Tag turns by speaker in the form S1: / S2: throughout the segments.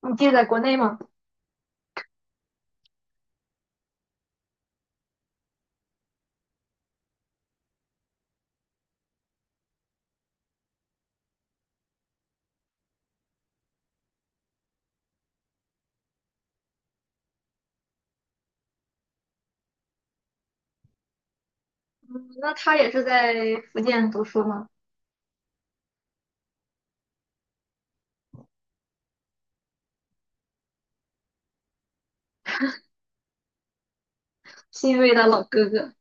S1: 你弟在国内吗？嗯，那他也是在福建读书吗？欣慰的老哥哥。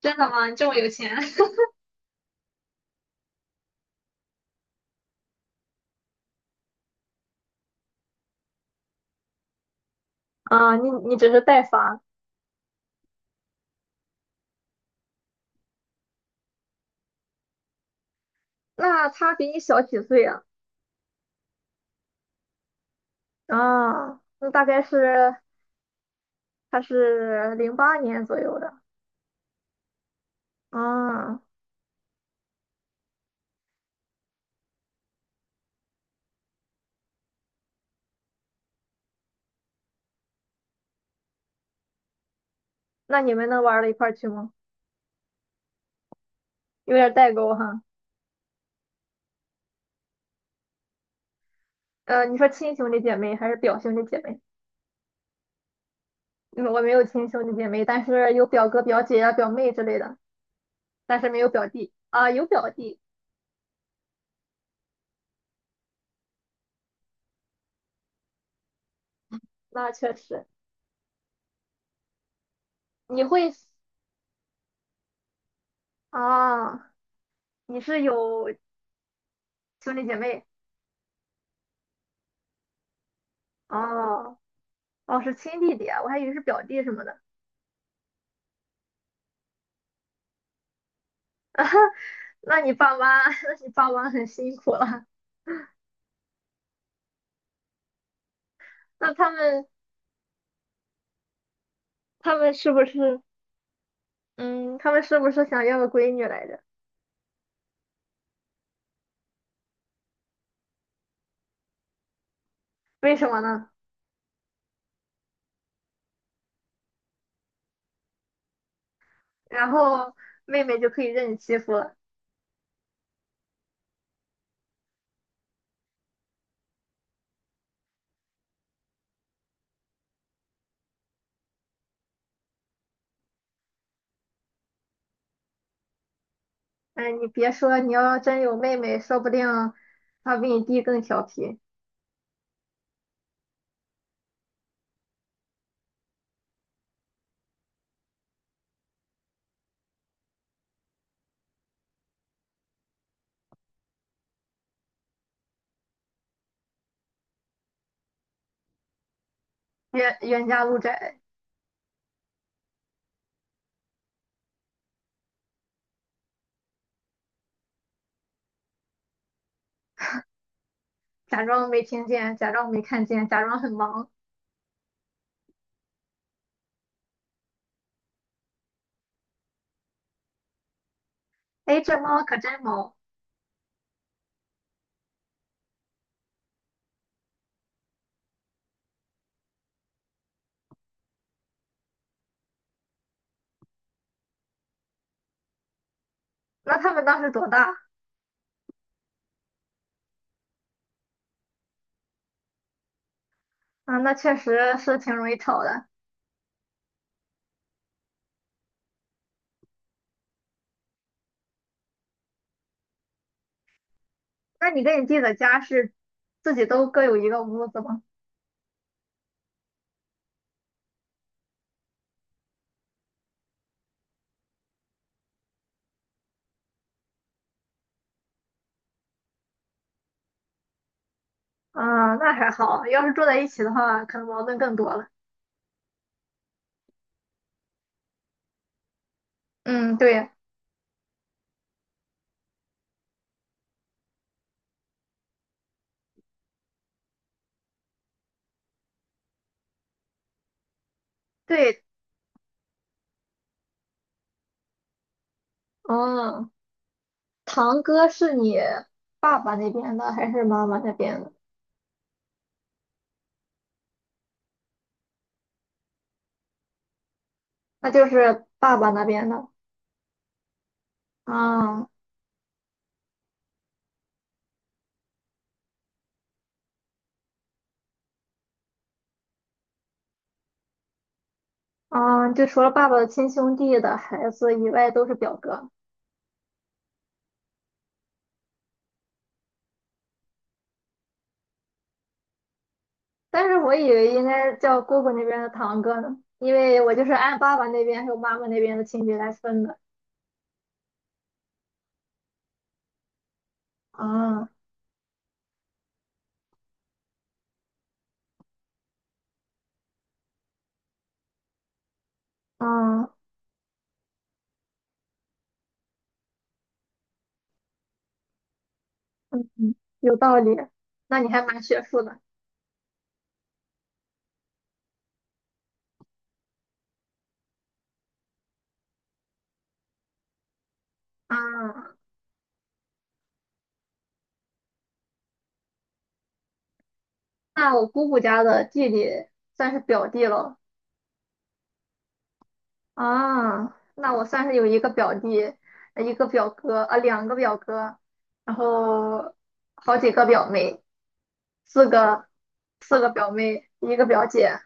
S1: 真的吗？你这么有钱？啊，你只是代发。那他比你小几岁啊？啊，那大概是他是08年左右的。啊。那你们能玩到一块儿去吗？有点代沟哈。你说亲兄弟姐妹还是表兄弟姐妹？嗯，我没有亲兄弟姐妹，但是有表哥、表姐啊、表妹之类的，但是没有表弟啊，有表弟。那确实。你会，哦，你是有兄弟姐妹？哦。哦，是亲弟弟啊，我还以为是表弟什么的。那你爸妈，那你爸妈很辛苦了。那他们，他们是不是，嗯，他们是不是想要个闺女来着？为什么呢？然后妹妹就可以任你欺负了。哎，你别说，你要真有妹妹，说不定她比你弟更调皮。冤冤家路窄。假装没听见，假装没看见，假装很忙。哎，这猫可真萌。那他们当时多大？啊，那确实是挺容易吵的。那你跟你弟的家是自己都各有一个屋子吗？啊，那还好，要是住在一起的话，可能矛盾更多了。嗯，对对。嗯，堂哥是你爸爸那边的还是妈妈那边的？那就是爸爸那边的。啊，啊，就除了爸爸的亲兄弟的孩子以外，都是表哥。但是我以为应该叫姑姑那边的堂哥呢，因为我就是按爸爸那边还有妈妈那边的亲戚来分的。啊。啊。嗯，嗯，有道理。那你还蛮学术的。啊。那我姑姑家的弟弟算是表弟了。啊。那我算是有一个表弟，一个表哥啊，两个表哥，然后好几个表妹，四个，四个表妹，一个表姐。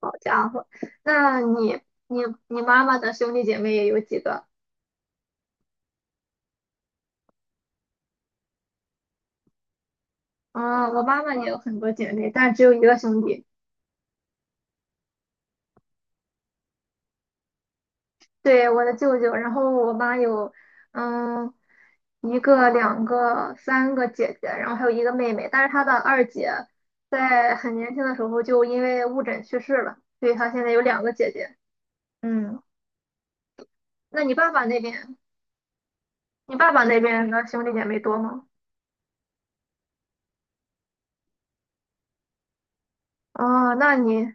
S1: 好家伙，那你，你，你妈妈的兄弟姐妹有几个？啊，我妈妈也有很多姐妹，但只有一个兄弟。对，我的舅舅，然后我妈有，嗯，一个、两个、三个姐姐，然后还有一个妹妹，但是她的二姐在很年轻的时候就因为误诊去世了，所以她现在有两个姐姐。嗯，那你爸爸那边，你爸爸那边的兄弟姐妹多吗？哦，那你，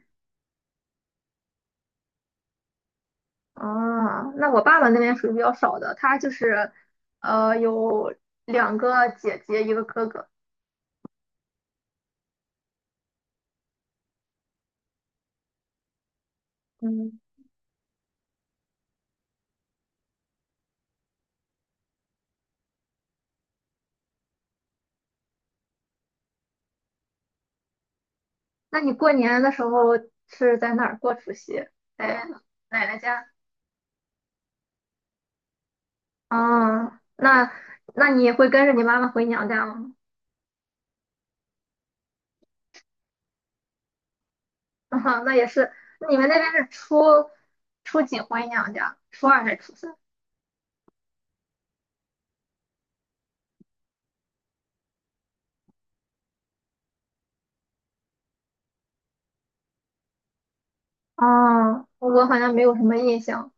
S1: 哦，那我爸爸那边属于比较少的，他就是，有两个姐姐，一个哥哥。嗯。那你过年的时候是在哪儿过除夕？在奶奶家，哦，那，那你会跟着你妈妈回娘家吗？啊那也是。你们那边是初几回娘家？初二还是初三？哦，我好像没有什么印象。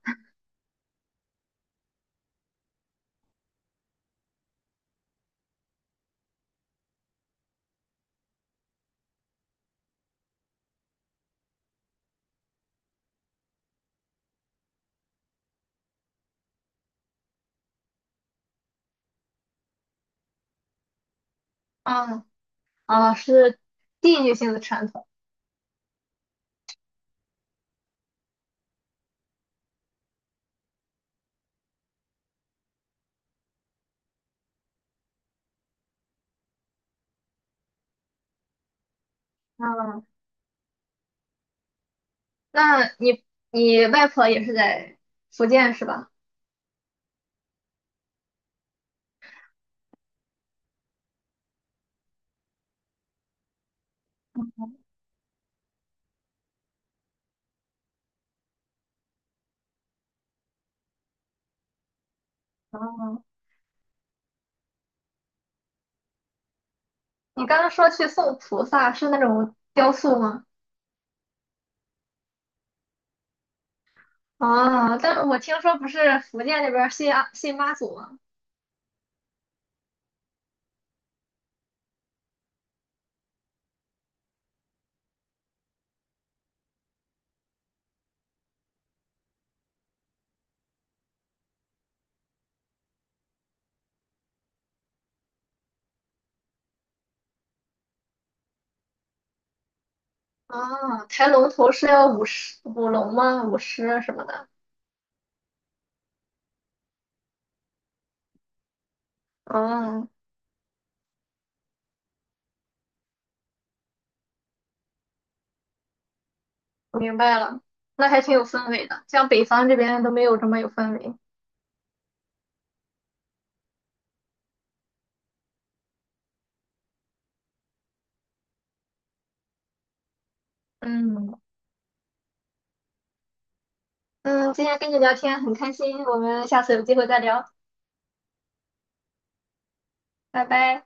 S1: 嗯。啊，是地域性的传统。嗯，那你，你外婆也是在福建是吧？嗯，你刚刚说去送菩萨是那种雕塑吗？哦，但我听说不是福建那边儿信啊信妈祖吗？哦，抬龙头是要舞狮、舞龙吗？舞狮什么的。哦，明白了。那还挺有氛围的，像北方这边都没有这么有氛围。嗯，嗯，今天跟你聊天很开心，我们下次有机会再聊，拜拜。